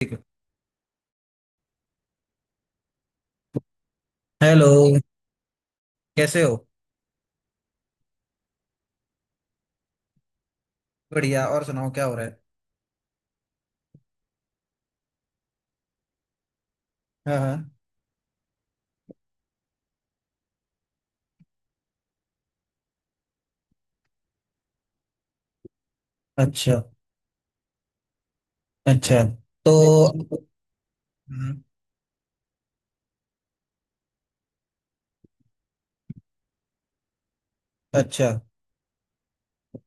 ठीक है। हेलो। कैसे हो? बढ़िया। और सुनाओ क्या हो रहा है? हाँ हाँ। अच्छा। अच्छा। तो। हम्म। अच्छा।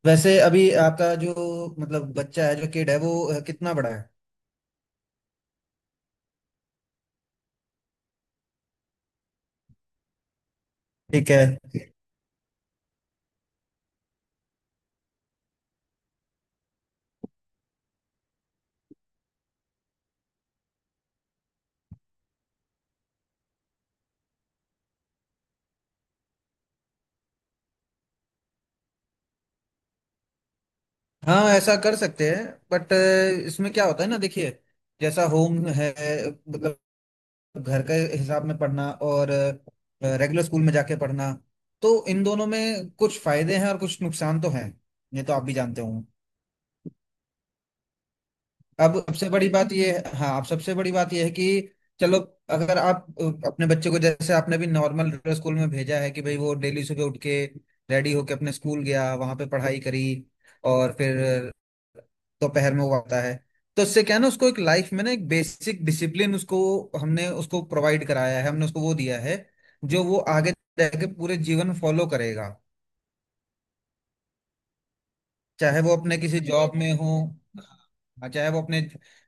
वैसे अभी आपका जो मतलब बच्चा है जो किड है वो कितना बड़ा है? ठीक है। हाँ, ऐसा कर सकते हैं। बट इसमें क्या होता है ना, देखिए। जैसा होम है, मतलब घर के हिसाब में पढ़ना और रेगुलर स्कूल में जाके पढ़ना, तो इन दोनों में कुछ फायदे हैं और कुछ नुकसान तो हैं। ये तो आप भी जानते हो। अब सबसे बड़ी बात यह है, हाँ, अब सबसे बड़ी बात यह है कि चलो, अगर आप अपने बच्चे को, जैसे आपने भी नॉर्मल स्कूल में भेजा है कि भाई वो डेली सुबह उठ के रेडी होके अपने स्कूल गया, वहां पे पढ़ाई करी और फिर दोपहर में वो आता है, तो इससे क्या है ना, उसको एक लाइफ में ना एक बेसिक डिसिप्लिन उसको हमने उसको प्रोवाइड कराया है, हमने उसको वो दिया है जो वो आगे जाके पूरे जीवन फॉलो करेगा। चाहे वो अपने किसी जॉब में हो, हाँ, चाहे वो अपने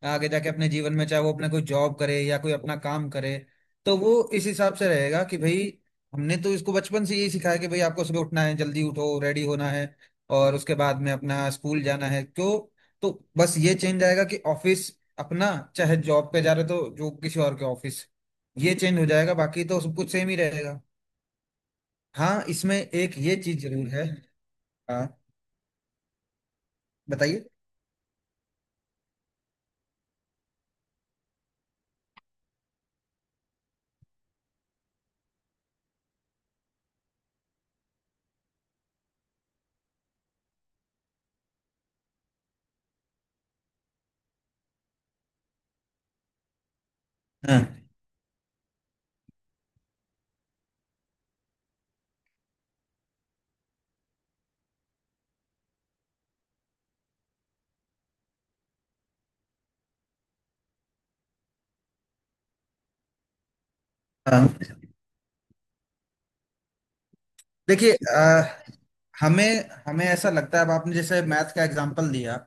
आगे जाके अपने जीवन में चाहे वो अपने कोई जॉब करे या कोई अपना काम करे, तो वो इस हिसाब से रहेगा कि भाई हमने तो इसको बचपन से यही सिखाया कि भाई आपको सुबह उठना है, जल्दी उठो, रेडी होना है और उसके बाद में अपना स्कूल जाना है, क्यों। तो बस ये चेंज आएगा कि ऑफिस अपना चाहे जॉब पे जा रहे तो जो किसी और के ऑफिस, ये चेंज हो जाएगा, बाकी तो सब कुछ सेम ही रहेगा। हाँ, इसमें एक ये चीज जरूर है। हाँ। बताइए। हाँ हाँ। देखिए, हमें हमें ऐसा लगता है, अब आपने जैसे मैथ का एग्जांपल दिया।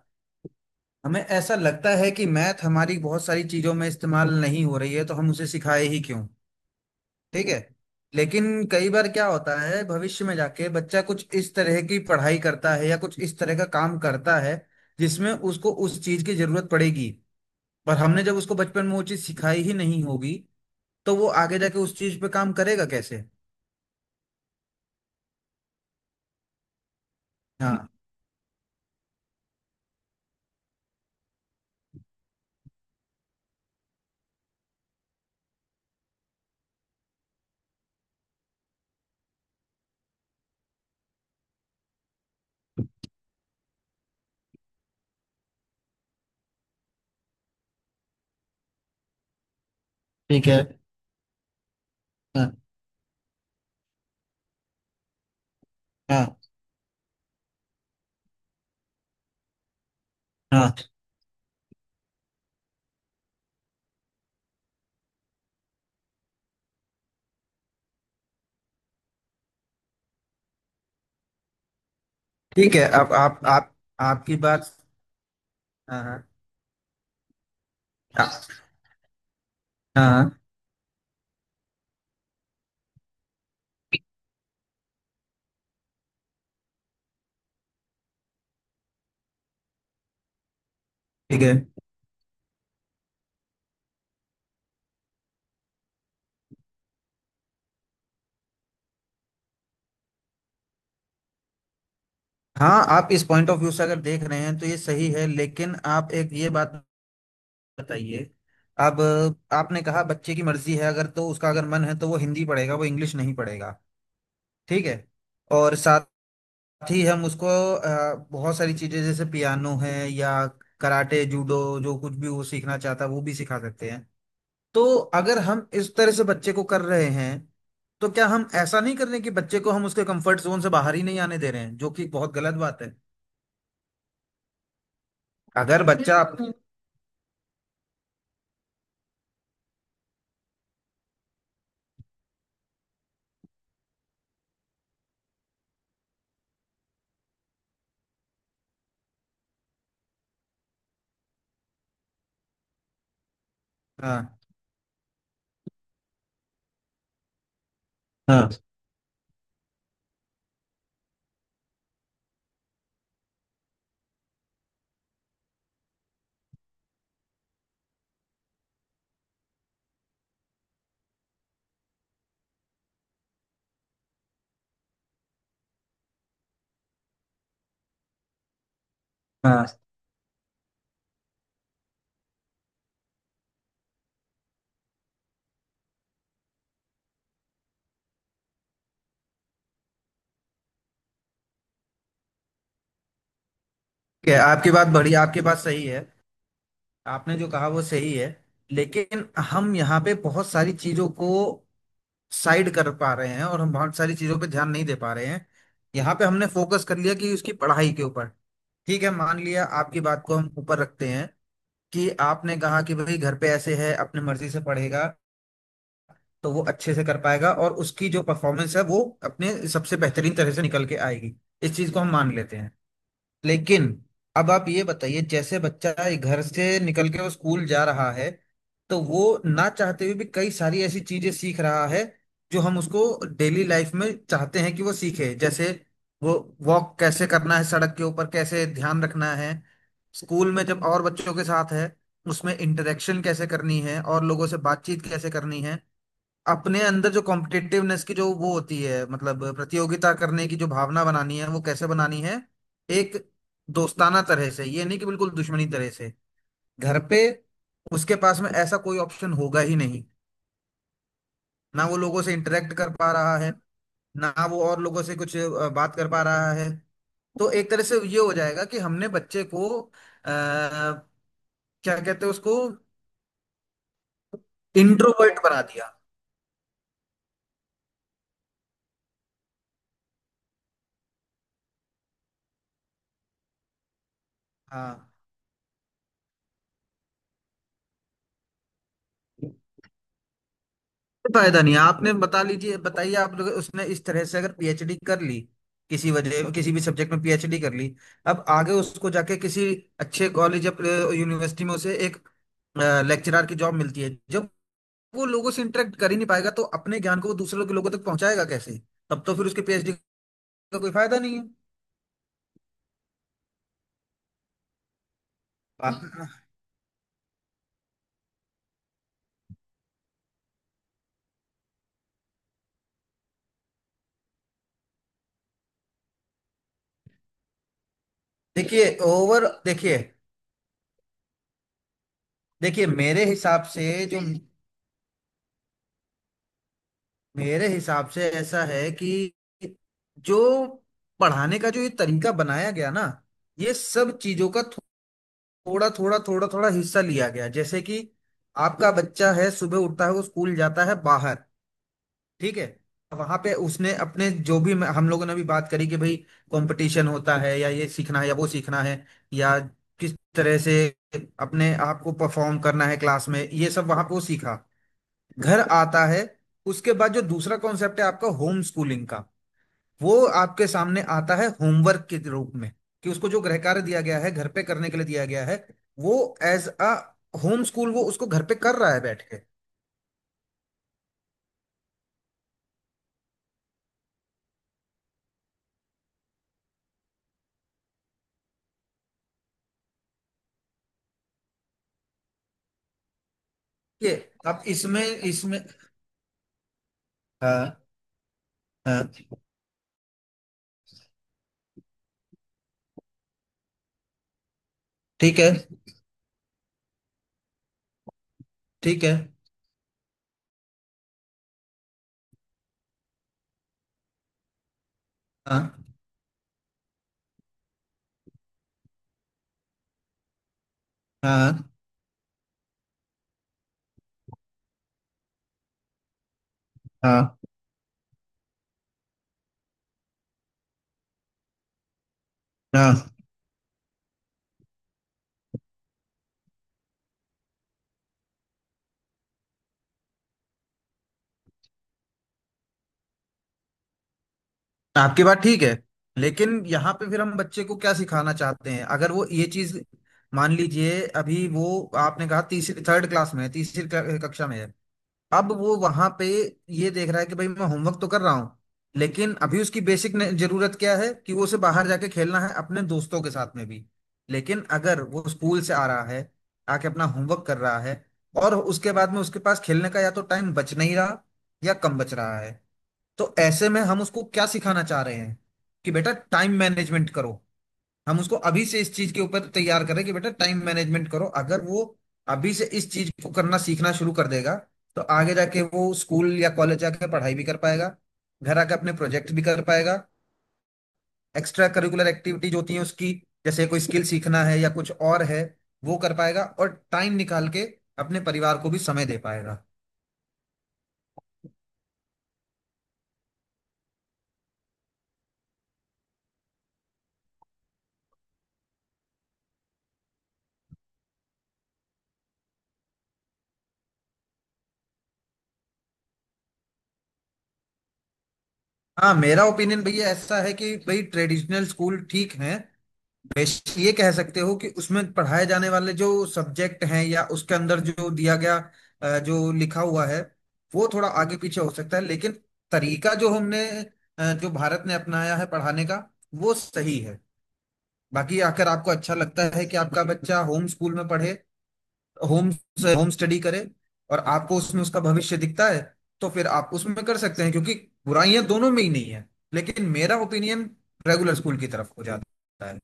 हमें ऐसा लगता है कि मैथ हमारी बहुत सारी चीजों में इस्तेमाल नहीं हो रही है, तो हम उसे सिखाए ही क्यों। ठीक है, लेकिन कई बार क्या होता है भविष्य में जाके बच्चा कुछ इस तरह की पढ़ाई करता है या कुछ इस तरह का काम करता है जिसमें उसको उस चीज की जरूरत पड़ेगी, पर हमने जब उसको बचपन में वो चीज सिखाई ही नहीं होगी तो वो आगे जाके उस चीज पे काम करेगा कैसे। हाँ। ठीक है। हाँ हाँ हाँ। ठीक है, अब आप आपकी बात। हाँ हाँ। आ- हाँ। ठीक है। हाँ, आप इस पॉइंट ऑफ व्यू से अगर देख रहे हैं तो ये सही है, लेकिन आप एक ये बात बताइए। अब आपने कहा बच्चे की मर्जी है, अगर तो उसका अगर मन है तो वो हिंदी पढ़ेगा, वो इंग्लिश नहीं पढ़ेगा। ठीक है। और साथ ही हम उसको बहुत सारी चीजें जैसे पियानो है या कराटे जूडो, जो कुछ भी वो सीखना चाहता है वो भी सिखा सकते हैं। तो अगर हम इस तरह से बच्चे को कर रहे हैं तो क्या हम ऐसा नहीं कर रहे कि बच्चे को हम उसके कंफर्ट जोन से बाहर ही नहीं आने दे रहे हैं जो कि बहुत गलत बात है। अगर बच्चा आप। हाँ हाँ हाँ। ठीक है, आपकी बात बढ़िया, आपकी बात सही है। आपने जो कहा वो सही है। लेकिन हम यहाँ पे बहुत सारी चीजों को साइड कर पा रहे हैं और हम बहुत सारी चीजों पे ध्यान नहीं दे पा रहे हैं। यहाँ पे हमने फोकस कर लिया कि उसकी पढ़ाई के ऊपर। ठीक है, मान लिया आपकी बात को हम ऊपर रखते हैं कि आपने कहा कि भाई घर पे ऐसे है अपने मर्जी से पढ़ेगा तो वो अच्छे से कर पाएगा और उसकी जो परफॉर्मेंस है वो अपने सबसे बेहतरीन तरह से निकल के आएगी। इस चीज को हम मान लेते हैं। लेकिन अब आप ये बताइए, जैसे बच्चा ये घर से निकल के वो स्कूल जा रहा है, तो वो ना चाहते हुए भी कई सारी ऐसी चीजें सीख रहा है जो हम उसको डेली लाइफ में चाहते हैं कि वो सीखे, जैसे वो वॉक कैसे करना है, सड़क के ऊपर कैसे ध्यान रखना है, स्कूल में जब और बच्चों के साथ है उसमें इंटरेक्शन कैसे करनी है और लोगों से बातचीत कैसे करनी है, अपने अंदर जो कॉम्पिटिटिवनेस की जो वो होती है मतलब प्रतियोगिता करने की जो भावना बनानी है वो कैसे बनानी है, एक दोस्ताना तरह से, ये नहीं कि बिल्कुल दुश्मनी तरह से। घर पे उसके पास में ऐसा कोई ऑप्शन होगा ही नहीं। ना वो लोगों से इंटरेक्ट कर पा रहा है, ना वो और लोगों से कुछ बात कर पा रहा है। तो एक तरह से ये हो जाएगा कि हमने बच्चे को आ, क्या कहते हैं उसको, इंट्रोवर्ट बना दिया। हाँ। फायदा नहीं है। आपने बता लीजिए बताइए, आप लोग उसने इस तरह से अगर पीएचडी कर ली, किसी वजह किसी भी सब्जेक्ट में पीएचडी कर ली, अब आगे उसको जाके किसी अच्छे कॉलेज या यूनिवर्सिटी में उसे एक लेक्चरर की जॉब मिलती है, जब वो लोगों से इंटरेक्ट कर ही नहीं पाएगा तो अपने ज्ञान को वो दूसरे के लोगों तक पहुंचाएगा कैसे। तब तो फिर उसके पीएचडी का कोई फायदा नहीं है। आप- देखिए ओवर देखिए देखिए, मेरे हिसाब से जो, मेरे हिसाब से ऐसा है कि जो पढ़ाने का जो ये तरीका बनाया गया ना, ये सब चीजों का थोड़ा थोड़ा थोड़ा थोड़ा हिस्सा लिया गया, जैसे कि आपका बच्चा है सुबह उठता है वो स्कूल जाता है बाहर। ठीक है। वहां पे उसने अपने जो भी, हम लोगों ने भी बात करी कि भाई कंपटीशन होता है या ये सीखना है या वो सीखना है, या किस तरह से अपने आप को परफॉर्म करना है क्लास में, ये सब वहां पे वो सीखा। घर आता है। उसके बाद जो दूसरा कॉन्सेप्ट है आपका होम स्कूलिंग का, वो आपके सामने आता है होमवर्क के रूप में, कि उसको जो गृह कार्य दिया गया है, घर पे करने के लिए दिया गया है, वो एज अ होम स्कूल वो उसको घर पे कर रहा है बैठ के। ये अब इसमें इसमें। हाँ हाँ। ठीक है। ठीक है। हाँ हाँ हाँ हाँ। आपकी बात ठीक है, लेकिन यहाँ पे फिर हम बच्चे को क्या सिखाना चाहते हैं अगर वो ये चीज, मान लीजिए अभी वो आपने कहा तीसरी थर्ड क्लास में है, तीसरी कक्षा में है, अब वो वहां पे ये देख रहा है कि भाई मैं होमवर्क तो कर रहा हूँ, लेकिन अभी उसकी बेसिक जरूरत क्या है कि वो उसे बाहर जाके खेलना है अपने दोस्तों के साथ में भी। लेकिन अगर वो स्कूल से आ रहा है आके अपना होमवर्क कर रहा है और उसके बाद में उसके पास खेलने का या तो टाइम बच नहीं रहा या कम बच रहा है, तो ऐसे में हम उसको क्या सिखाना चाह रहे हैं कि बेटा टाइम मैनेजमेंट करो। हम उसको अभी से इस चीज के ऊपर तैयार करें कि बेटा टाइम मैनेजमेंट करो, अगर वो अभी से इस चीज को करना सीखना शुरू कर देगा तो आगे जाके वो स्कूल या कॉलेज जाकर पढ़ाई भी कर पाएगा, घर आकर अपने प्रोजेक्ट भी कर पाएगा, एक्स्ट्रा करिकुलर एक्टिविटीज होती हैं उसकी, जैसे कोई स्किल सीखना है या कुछ और है, वो कर पाएगा और टाइम निकाल के अपने परिवार को भी समय दे पाएगा। हाँ, मेरा ओपिनियन भैया ऐसा है कि भाई ट्रेडिशनल स्कूल ठीक है। निवेश, ये कह सकते हो कि उसमें पढ़ाए जाने वाले जो सब्जेक्ट हैं या उसके अंदर जो दिया गया जो लिखा हुआ है वो थोड़ा आगे पीछे हो सकता है, लेकिन तरीका जो हमने जो भारत ने अपनाया है पढ़ाने का वो सही है। बाकी आकर आपको अच्छा लगता है कि आपका बच्चा होम स्कूल में पढ़े, होम होम स्टडी करे और आपको उसमें उसका भविष्य दिखता है तो फिर आप उसमें कर सकते हैं, क्योंकि बुराइयां दोनों में ही नहीं है। लेकिन मेरा ओपिनियन रेगुलर स्कूल की तरफ हो जाता है।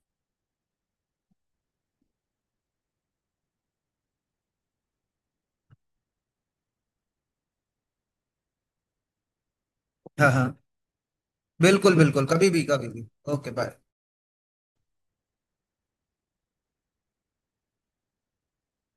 हाँ हाँ। बिल्कुल बिल्कुल, कभी भी कभी भी। Okay, bye.